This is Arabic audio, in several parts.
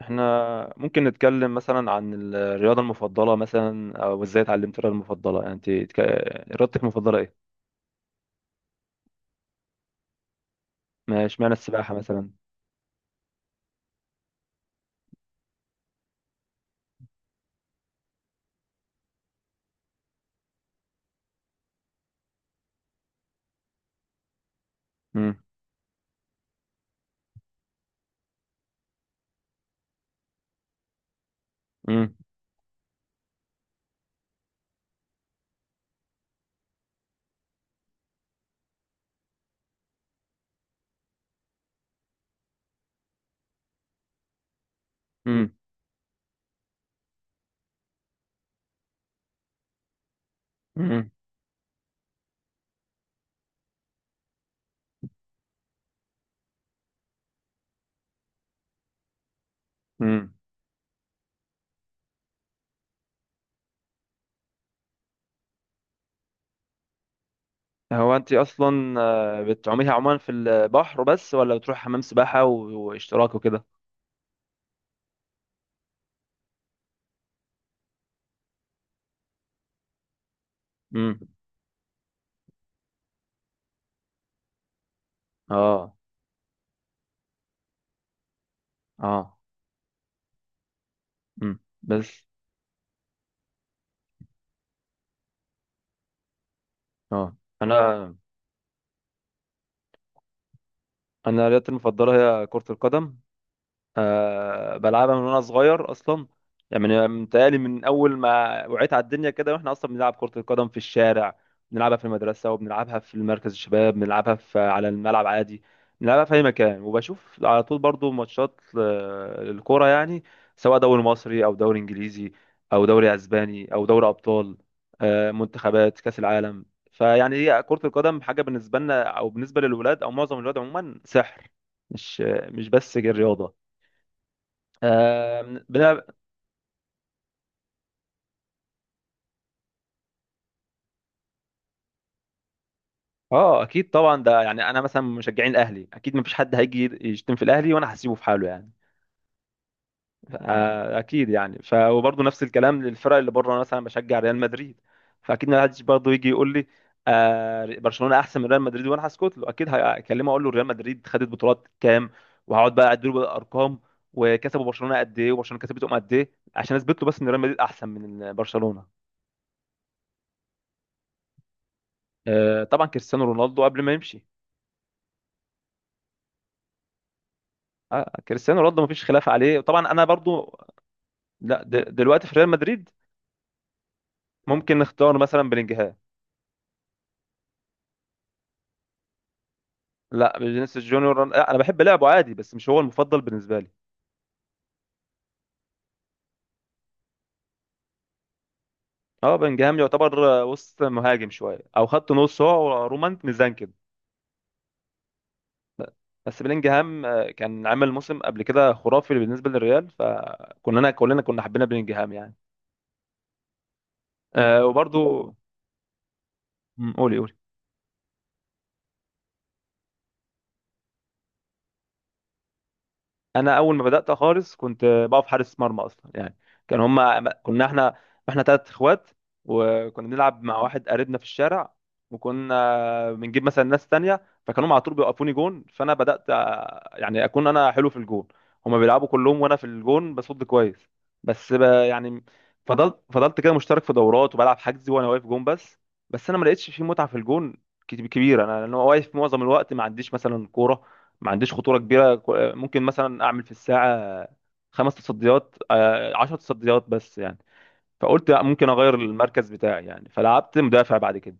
احنا ممكن نتكلم مثلا عن الرياضة المفضلة مثلا او ازاي اتعلمت الرياضة المفضلة يعني رياضتك المفضلة ايه؟ ما اشمعنى السباحة مثلا؟ مم. مم. مم. مم. مم. هو انت اصلا بتعوميها عموما في البحر بس ولا بتروح حمام سباحة واشتراك وكده؟ مم. اه اه. مم. بس اه انا انا رياضتي المفضلة هي كرة القدم. أه، بلعبها من وانا صغير اصلا. يعني متهيألي من اول ما وعيت على الدنيا كده واحنا اصلا بنلعب كرة القدم في الشارع، بنلعبها في المدرسة، وبنلعبها في مركز الشباب، بنلعبها في على الملعب عادي، بنلعبها في اي مكان، وبشوف على طول برضو ماتشات للكرة يعني، سواء دوري مصري او دوري انجليزي او دوري اسباني او دوري ابطال، منتخبات كاس العالم. فيعني هي كرة القدم حاجة بالنسبة لنا او بالنسبة للولاد او معظم الولاد عموما سحر، مش مش بس رياضة. آه. بنلعب. اه اكيد طبعا، ده يعني انا مثلا مشجعين الاهلي، اكيد مفيش حد هيجي يشتم في الاهلي وانا هسيبه في حاله يعني. آه اكيد يعني وبرضه نفس الكلام للفرق اللي بره، انا مثلا بشجع ريال مدريد. فاكيد ما حدش برضه يجي يقول لي آه برشلونه احسن من ريال مدريد وانا هسكت له، اكيد هكلمه اقول له ريال مدريد خدت بطولات كام، وهقعد بقى اديله بقى الارقام، وكسبوا برشلونه قد ايه وبرشلونه كسبتهم قد ايه، عشان اثبت له بس ان ريال مدريد احسن من برشلونه. آه طبعا كريستيانو رونالدو قبل ما يمشي. كريستيانو رونالدو مفيش خلاف عليه طبعا انا برضو. لا دلوقتي في ريال مدريد ممكن نختار مثلا بلينجهام. لا فينيسيوس جونيور، لا انا بحب لعبه عادي بس مش هو المفضل بالنسبه لي. اه بلينجهام يعتبر وسط مهاجم شويه او خط نص، هو ورومان ميزان كده. بس بلينجهام كان عامل موسم قبل كده خرافي بالنسبه للريال، فكلنا كنا حبينا بلينجهام يعني. وبرضو. مم، قولي قولي. انا اول ما بدات خالص كنت بقف حارس مرمى اصلا يعني. كان هما كنا احنا 3 اخوات، وكنا بنلعب مع واحد قريبنا في الشارع. وكنا بنجيب مثلا ناس تانية فكانوا على طول بيوقفوني جون، فانا بدات يعني اكون انا حلو في الجون. هما بيلعبوا كلهم وانا في الجون بصد كويس. بس يعني فضلت كده مشترك في دورات وبلعب حجزي وانا واقف جون بس. بس انا ما لقيتش في متعه في الجون كبيره، انا لأن هو واقف معظم الوقت ما عنديش مثلا كوره، ما عنديش خطوره كبيره، ممكن مثلا اعمل في الساعه 5 تصديات، 10 تصديات بس يعني. فقلت لأ، ممكن اغير المركز بتاعي يعني، فلعبت مدافع بعد كده.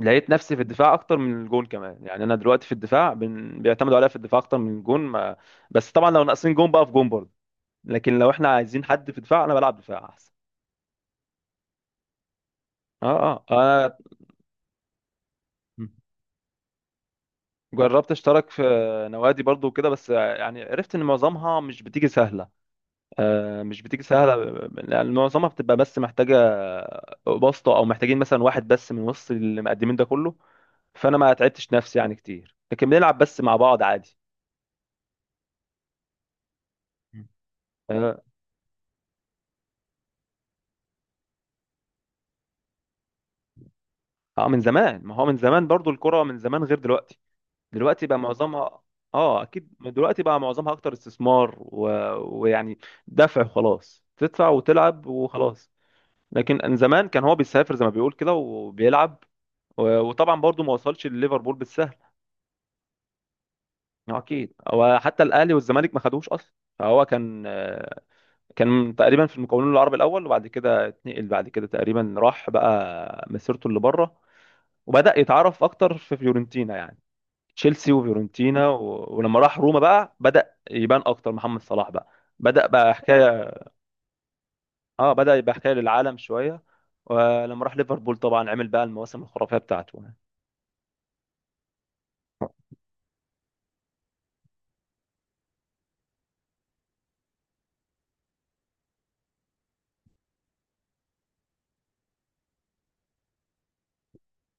لقيت نفسي في الدفاع اكتر من الجون كمان يعني، انا دلوقتي في الدفاع بيعتمدوا عليا في الدفاع اكتر من الجون ما. بس طبعا لو ناقصين جون بقى في جون برضه، لكن لو احنا عايزين حد في دفاع انا بلعب دفاع احسن. اه اه. انا جربت اشترك في نوادي برضه وكده، بس يعني عرفت ان معظمها مش بتيجي سهله، مش بتيجي سهلة يعني، معظمها بتبقى بس محتاجة بسطة أو محتاجين مثلا واحد بس من وسط المقدمين ده كله، فأنا ما تعبتش نفسي يعني كتير، لكن بنلعب بس مع بعض عادي. مم. اه. من زمان، ما هو من زمان برضو الكرة من زمان غير دلوقتي، دلوقتي بقى معظمها. اه اكيد دلوقتي بقى معظمها اكتر استثمار ويعني دفع وخلاص، تدفع وتلعب وخلاص. لكن من زمان كان هو بيسافر زي ما بيقول كده وبيلعب، وطبعا برضو ما وصلش لليفربول بالسهل. اه اكيد هو حتى الاهلي والزمالك ما خدوش اصلا. فهو كان تقريبا في المكونين العرب الاول، وبعد كده اتنقل، بعد كده تقريبا راح بقى مسيرته اللي بره، وبدا يتعرف اكتر في فيورنتينا يعني. تشيلسي وفيورنتينا، ولما راح روما بقى بدا يبان اكتر محمد صلاح بقى، بدا بقى حكايه. اه بدا يبقى حكايه للعالم شويه، ولما راح ليفربول طبعا عمل بقى المواسم الخرافيه بتاعته يعني.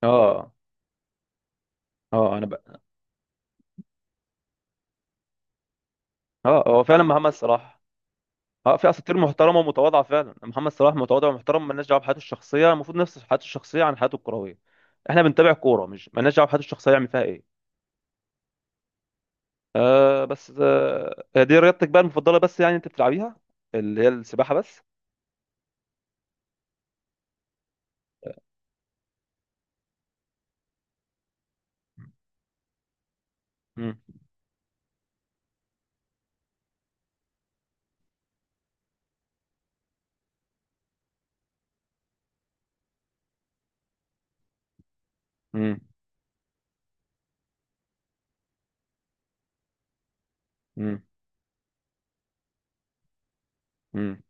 اه اه. انا بقى. اه هو فعلا محمد صلاح. اه، في اساطير محترمه ومتواضعه فعلا، محمد صلاح متواضع ومحترم، مالناش دعوه بحياته الشخصيه، المفروض نفس حياته الشخصيه عن حياته الكرويه. احنا بنتابع كوره، مش مالناش دعوه بحياته الشخصيه يعمل فيها ايه. بس، دي رياضتك بقى المفضله، بس يعني انت بتلعبيها اللي هي السباحه بس؟ مم. مم. مم. مم.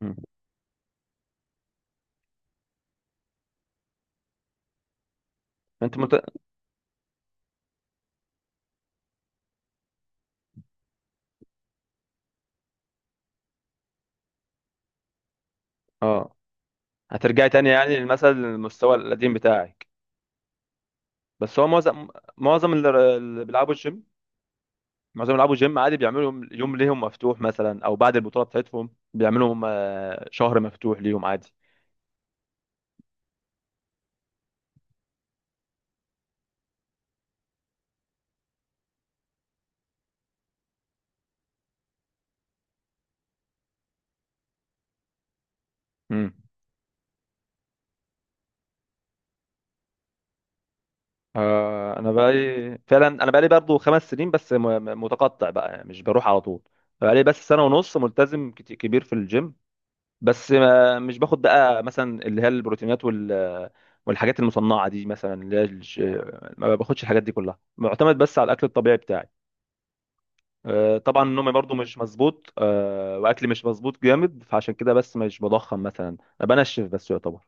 مم. انت مت... اه، هترجعي تاني يعني للمثل المستوى القديم بتاعك. بس هو معظم اللي بيلعبوا الجيم، معظم بيلعبوا جيم عادي بيعملوا يوم يوم ليهم مفتوح مثلا، او بعد البطوله بتاعتهم بيعملوا هم شهر مفتوح ليهم عادي. امم انا بقالي فعلا، انا بقالي برضه 5 سنين بس، متقطع بقى يعني مش بروح على طول، بقالي بس سنه ونص ملتزم كبير في الجيم. بس ما مش باخد بقى مثلا اللي هي البروتينات والحاجات المصنعه دي مثلا، ما باخدش الحاجات دي كلها، معتمد بس على الاكل الطبيعي بتاعي. طبعا نومي برضو مش مظبوط، واكلي مش مظبوط جامد، فعشان كده بس مش بضخم مثلا، أنا بنشف بس يعتبر.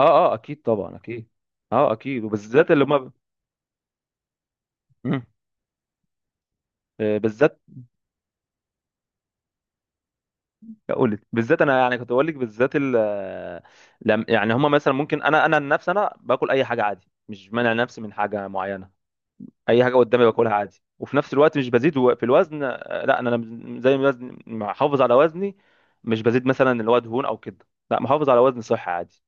اه اه اكيد طبعا اكيد. اه اكيد، وبالذات اللي هم. مم. بالذات. اقول لك بالذات انا يعني، كنت بقول لك بالذات ال آه، يعني هم مثلا ممكن، انا عن نفسي انا باكل اي حاجه عادي، مش مانع نفسي من حاجه معينه، اي حاجه قدامي باكلها عادي، وفي نفس الوقت مش بزيد في الوزن، لا انا زي ما وزن محافظ على وزني، مش بزيد مثلا اللي هو دهون او كده، لا محافظ على وزن صحي عادي.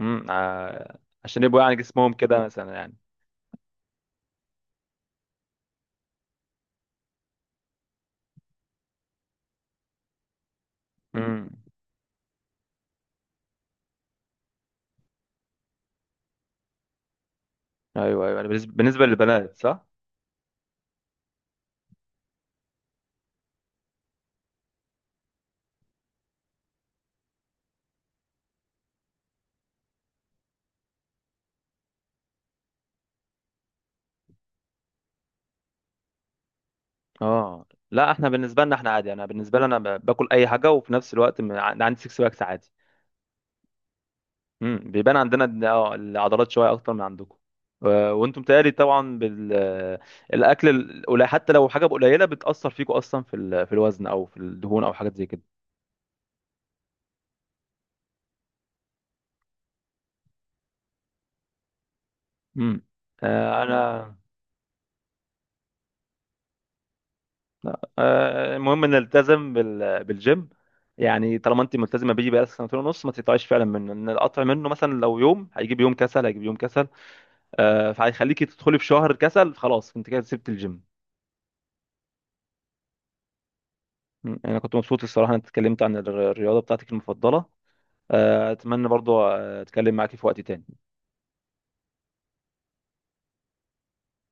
امم. عشان يبقوا يعني جسمهم كده مثلا يعني. امم ايوه ايوه، يعني بالنسبة للبنات صح. اه لا احنا بالنسبه لنا احنا عادي، انا بالنسبه لي انا باكل اي حاجه، وفي نفس الوقت عندي سكس باكس عادي. بيبان عندنا العضلات شويه اكتر من عندكم، وانتم تقالي طبعا بالاكل القليل، حتى لو حاجه قليله بتاثر فيكم اصلا في في الوزن او في الدهون او حاجات زي كده. امم انا. المهم نلتزم بالجيم، يعني طالما انت ملتزمه بيه بقى سنتين ونص ما تقطعيش فعلا منه، ان القطع منه مثلا لو يوم هيجيب يوم كسل، هيجيب يوم كسل، فهيخليكي تدخلي في شهر كسل خلاص، انت كده سبت الجيم. يعني انا كنت مبسوط الصراحه ان انا اتكلمت عن الرياضه بتاعتك المفضله، اتمنى برضو اتكلم معاكي في وقت تاني.